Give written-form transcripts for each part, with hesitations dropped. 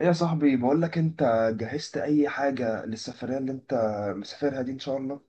إيه يا صاحبي، بقول لك انت جهزت اي حاجة للسفرية اللي انت مسافرها دي ان شاء الله.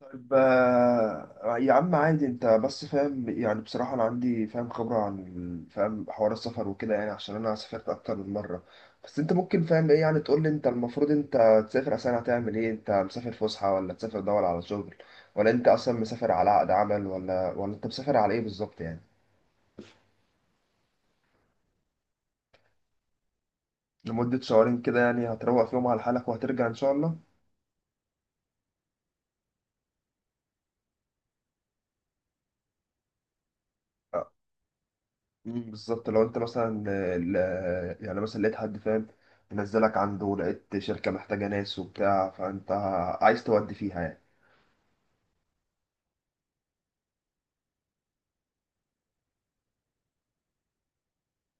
طيب يا عم عادي، انت بس فاهم. يعني بصراحة انا عندي فاهم خبرة عن فاهم حوار السفر وكده، يعني عشان انا سافرت اكتر من مرة. بس انت ممكن فاهم ايه؟ يعني تقول لي انت المفروض انت تسافر اصلا هتعمل ايه، انت مسافر فسحة ولا تسافر دور على شغل ولا انت اصلا مسافر على عقد عمل ولا انت مسافر على ايه بالظبط يعني. لمدة شهرين كده يعني هتروق فيهم على حالك وهترجع ان شاء الله. بالظبط. لو انت مثلا يعني مثلا لقيت حد فاهم منزلك عنده، ولقيت شركة محتاجة ناس وبتاع، فانت عايز تودي فيها يعني.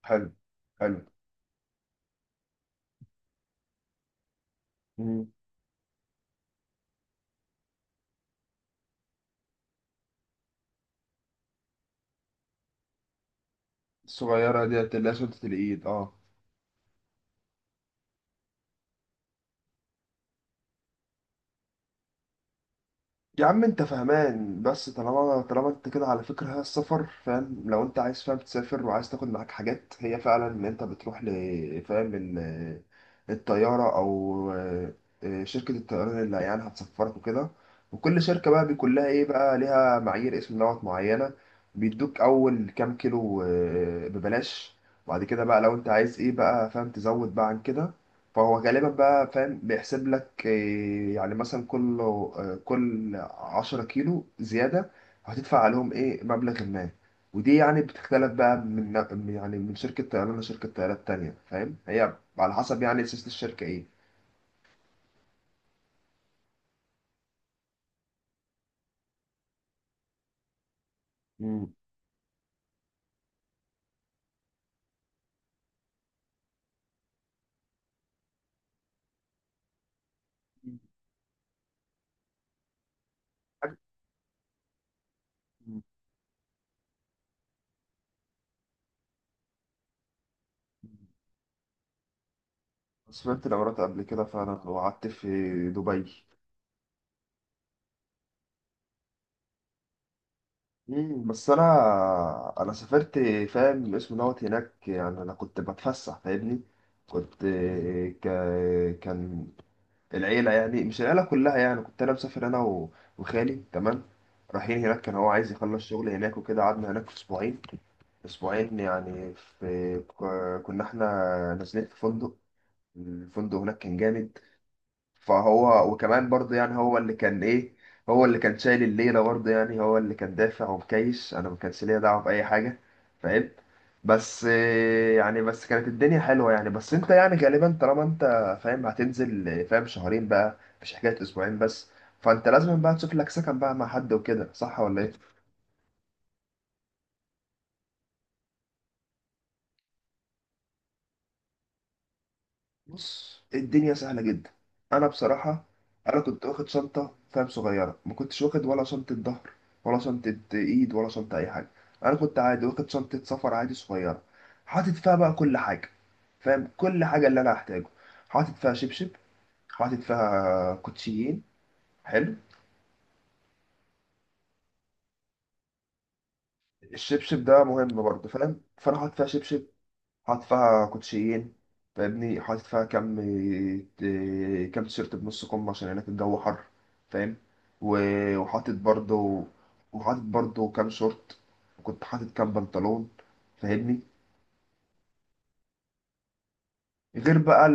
حلو، حلو. مم. الصغيرة ديت اللي هي سلطة الإيد، اه. يا عم انت فهمان، بس طالما انت كده، على فكرة هي السفر فاهم. لو انت عايز فاهم تسافر وعايز تاخد معاك حاجات، هي فعلا ان انت بتروح الطيارة، او شركة الطيران اللي يعني هتسفرك وكده. وكل شركة بقى بيكون لها ايه، بقى ليها معايير اسم دوت معينة. بيدوك اول كام كيلو ببلاش، بعد كده بقى لو انت عايز ايه بقى فاهم تزود بقى عن كده. فهو غالبا بقى فاهم بيحسب لك إيه، يعني مثلا كل 10 كيلو زيادة هتدفع عليهم ايه، مبلغ ما. ودي يعني بتختلف بقى من يعني من شركة طيران لشركة طيران تانية، فاهم، هي على حسب يعني سياسة الشركة ايه. مم. مم. حاجة- مم. سافرت الإمارات قبل كده فعلا، وقعدت في دبي. بس انا سافرت فاهم اسمه دوت هناك، يعني انا كنت بتفسح فاهمني. كنت ك... كان العيله، يعني مش العيله كلها، يعني كنت انا مسافر انا و... وخالي. تمام، رايحين هناك. كان هو عايز يخلص شغل هناك وكده، قعدنا هناك اسبوعين. يعني في كنا احنا نازلين في فندق. الفندق هناك كان جامد. فهو وكمان برضه، يعني هو اللي كان ايه، هو اللي كان شايل الليله برضه. يعني هو اللي كان دافع ومكيش، انا ما كانش ليا دعوه باي حاجه فاهم. بس يعني بس كانت الدنيا حلوه يعني. بس انت يعني غالبا طالما انت فاهم هتنزل فاهم شهرين بقى، مش حكايه اسبوعين بس. فانت لازم بقى تشوف لك سكن بقى مع حد وكده، صح ولا ايه؟ بص الدنيا سهلة جدا. أنا بصراحة، أنا كنت واخد شنطة فاهم صغيرة، ما كنتش واخد ولا شنطة ظهر، ولا شنطة إيد، ولا شنطة أي حاجة. أنا كنت عادي واخد شنطة سفر عادي صغيرة، حاطط فيها بقى كل حاجة، فاهم، كل حاجة اللي أنا هحتاجه. حاطط فيها شبشب، حاطط فيها كوتشيين. حلو. الشبشب ده مهم برضه فاهم، فأنا حاطط فيها شبشب، حاطط فيها كوتشيين، فاهمني. حاطط فيها كام تيشيرت بنص كم، عشان هناك الجو حر، فاهم. و- وحاطط برضو، وحاطط برضو كام شورت، وكنت حاطط كام بنطلون، فاهمني. غير بقى،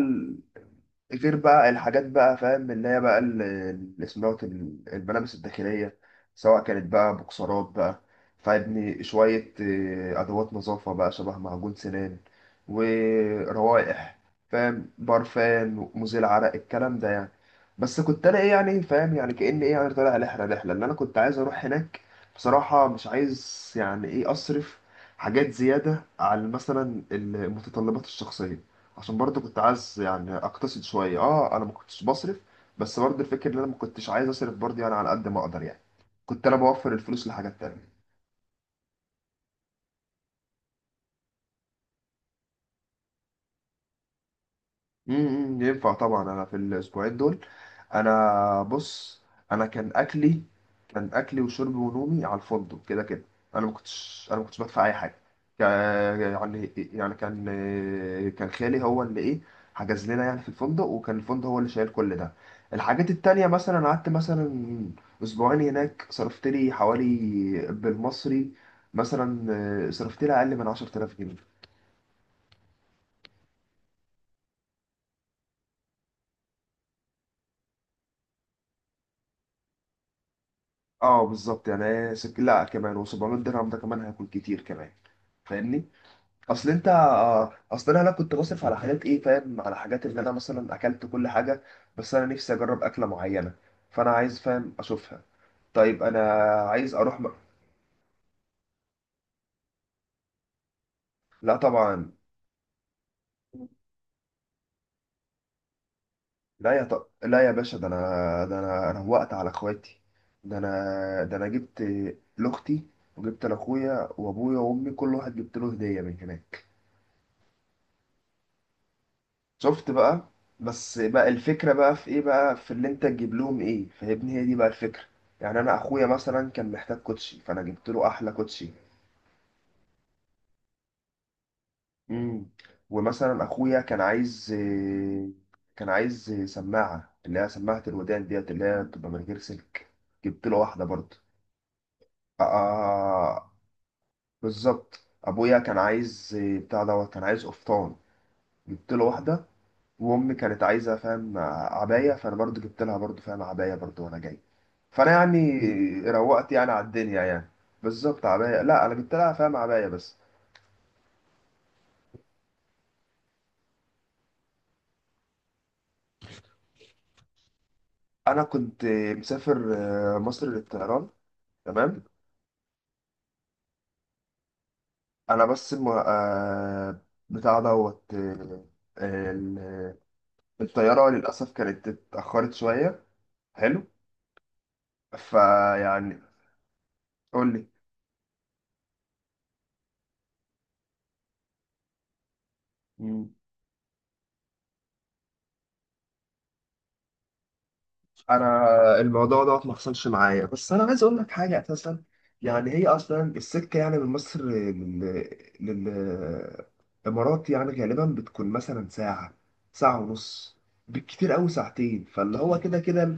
غير بقى الحاجات بقى فاهم، اللي هي بقى الملابس الداخلية، سواء كانت بقى بوكسرات بقى. فابني شوية أدوات نظافة بقى، شبه معجون سنان وروائح، فاهم، برفان، مزيل عرق، الكلام ده يعني. بس كنت أنا إيه يعني، فاهم، يعني كأني إيه يعني طالع رحلة اللي أنا كنت عايز أروح هناك. بصراحة مش عايز يعني إيه أصرف حاجات زيادة على مثلا المتطلبات الشخصية، عشان برضه كنت عايز يعني اقتصد شويه، اه انا ما كنتش بصرف. بس برضه الفكره ان انا ما كنتش عايز اصرف برضه، يعني على قد ما اقدر يعني، كنت انا بوفر الفلوس لحاجات تانية. ينفع طبعا. انا في الاسبوعين دول، انا بص، انا كان اكلي، كان اكلي وشربي ونومي على الفندق كده كده. انا ما كنتش بدفع اي حاجه. كا- يعني يعني كان كان خالي هو اللي ايه، حجز لنا يعني في الفندق، وكان الفندق هو اللي شايل كل ده. الحاجات التانية، مثلا قعدت مثلا اسبوعين هناك، صرفت لي حوالي، بالمصري، مثلا صرفت لي اقل من 10,000 جنيه. اه بالظبط، يعني لا كمان، و700 درهم ده كمان هياكل كتير كمان، فاهمني. اصل انت آه، اصل انا لا كنت بصرف على حاجات ايه، فاهم، على حاجات اللي انا مثلا اكلت كل حاجه، بس انا نفسي اجرب اكله معينه، فانا عايز فاهم اشوفها. طيب انا عايز اروح لا طبعا. لا يا باشا، ده انا، انا وقت على اخواتي. ده انا جبت لاختي، وجبت لاخويا وابويا وامي، كل واحد جبت له هديه من هناك. شفت بقى؟ بس بقى الفكرة بقى في ايه، بقى في اللي انت تجيب لهم ايه، فاهمني، هي دي بقى الفكرة. يعني انا اخويا مثلا كان محتاج كوتشي، فانا جبت له احلى كوتشي. امم ومثلا اخويا كان عايز سماعة، اللي هي سماعة الودان ديت، اللي هي بتبقى من غير سلك، جبت له واحدة برضه. آه آه، آه، آه، بالظبط. ابويا كان عايز آه، بتاع دوت كان عايز قفطان، جبت له واحدة. وامي كانت عايزه فاهم عبايه، فانا برضو جبت لها برضو فاهم عبايه برضو وانا جاي. فانا يعني روقت يعني على الدنيا يعني، بالظبط عبايه. لا انا جبت لها فاهم عبايه بس. انا كنت مسافر مصر للطيران، تمام. انا بس الم... آه، بتاع دوت آه، ال- الطياره للاسف كانت اتاخرت شويه. حلو. فيعني قول لي، انا الموضوع دوت ما حصلش معايا، بس انا عايز اقول لك حاجه. اساسا يعني هي اصلا السكه يعني من مصر للامارات، يعني غالبا بتكون مثلا ساعه، ساعه ونص، بالكتير قوي ساعتين، فاللي هو كده كده.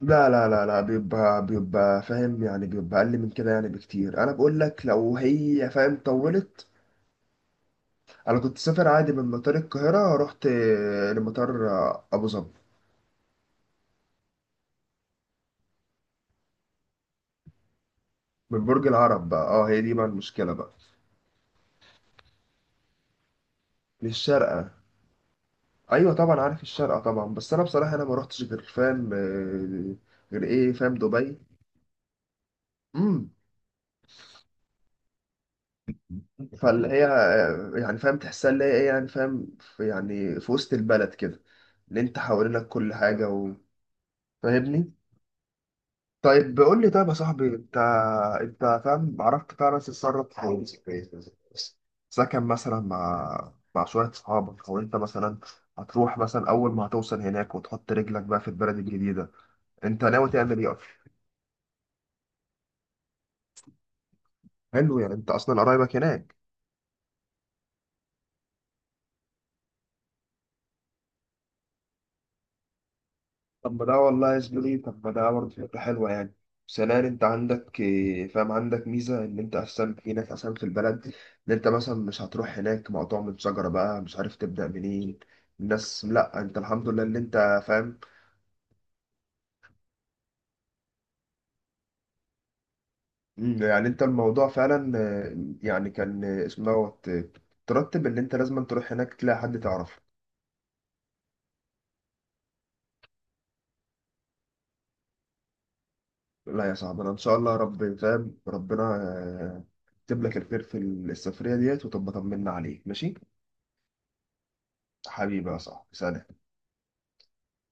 لا لا لا لا، بيبقى فاهم، يعني بيبقى اقل من كده يعني بكتير، انا بقول لك لو هي فاهم طولت. انا كنت سافر عادي من مطار القاهره، رحت لمطار ابو ظبي. من برج العرب بقى، اه هي دي بقى المشكله بقى، للشارقة. أيوة طبعا عارف الشارقة طبعا، بس أنا بصراحة أنا ما روحتش غير فاهم غير إيه فاهم دبي. امم فاللي هي يعني فاهم تحسها، اللي هي إيه يعني فاهم في، يعني في وسط البلد كده، اللي أنت حوالينك كل حاجة فاهمني. طيب قول لي، طيب يا صاحبي، أنت فاهم عرفت فعلا تتصرف في سكن مثلا مع شوية صحابك؟ أو أنت مثلا هتروح مثلا أول ما هتوصل هناك وتحط رجلك بقى في البلد الجديدة، أنت ناوي تعمل إيه أصلا؟ حلو، يعني انت اصلا قرايبك هناك. طب ما ده والله يا زميلي، طب ما ده برضه فكرة حلوة يعني. ثانيا انت عندك إيه، فاهم، عندك ميزة ان انت اصلا هناك اصلا في البلد، ان انت مثلا مش هتروح هناك مقطوع من شجرة بقى مش عارف تبدأ منين الناس. لا انت الحمد لله ان انت فاهم. يعني انت الموضوع فعلا يعني كان اسمه دوت ترتب ان انت لازم تروح هناك تلاقي حد تعرفه. لا يا صاحبي، انا ان شاء الله رب فاهم ربنا آه، يكتب لك الخير في السفريه ديت، وتبقى طمنا عليك ماشي. حبيبي يا صاحبي، سلام.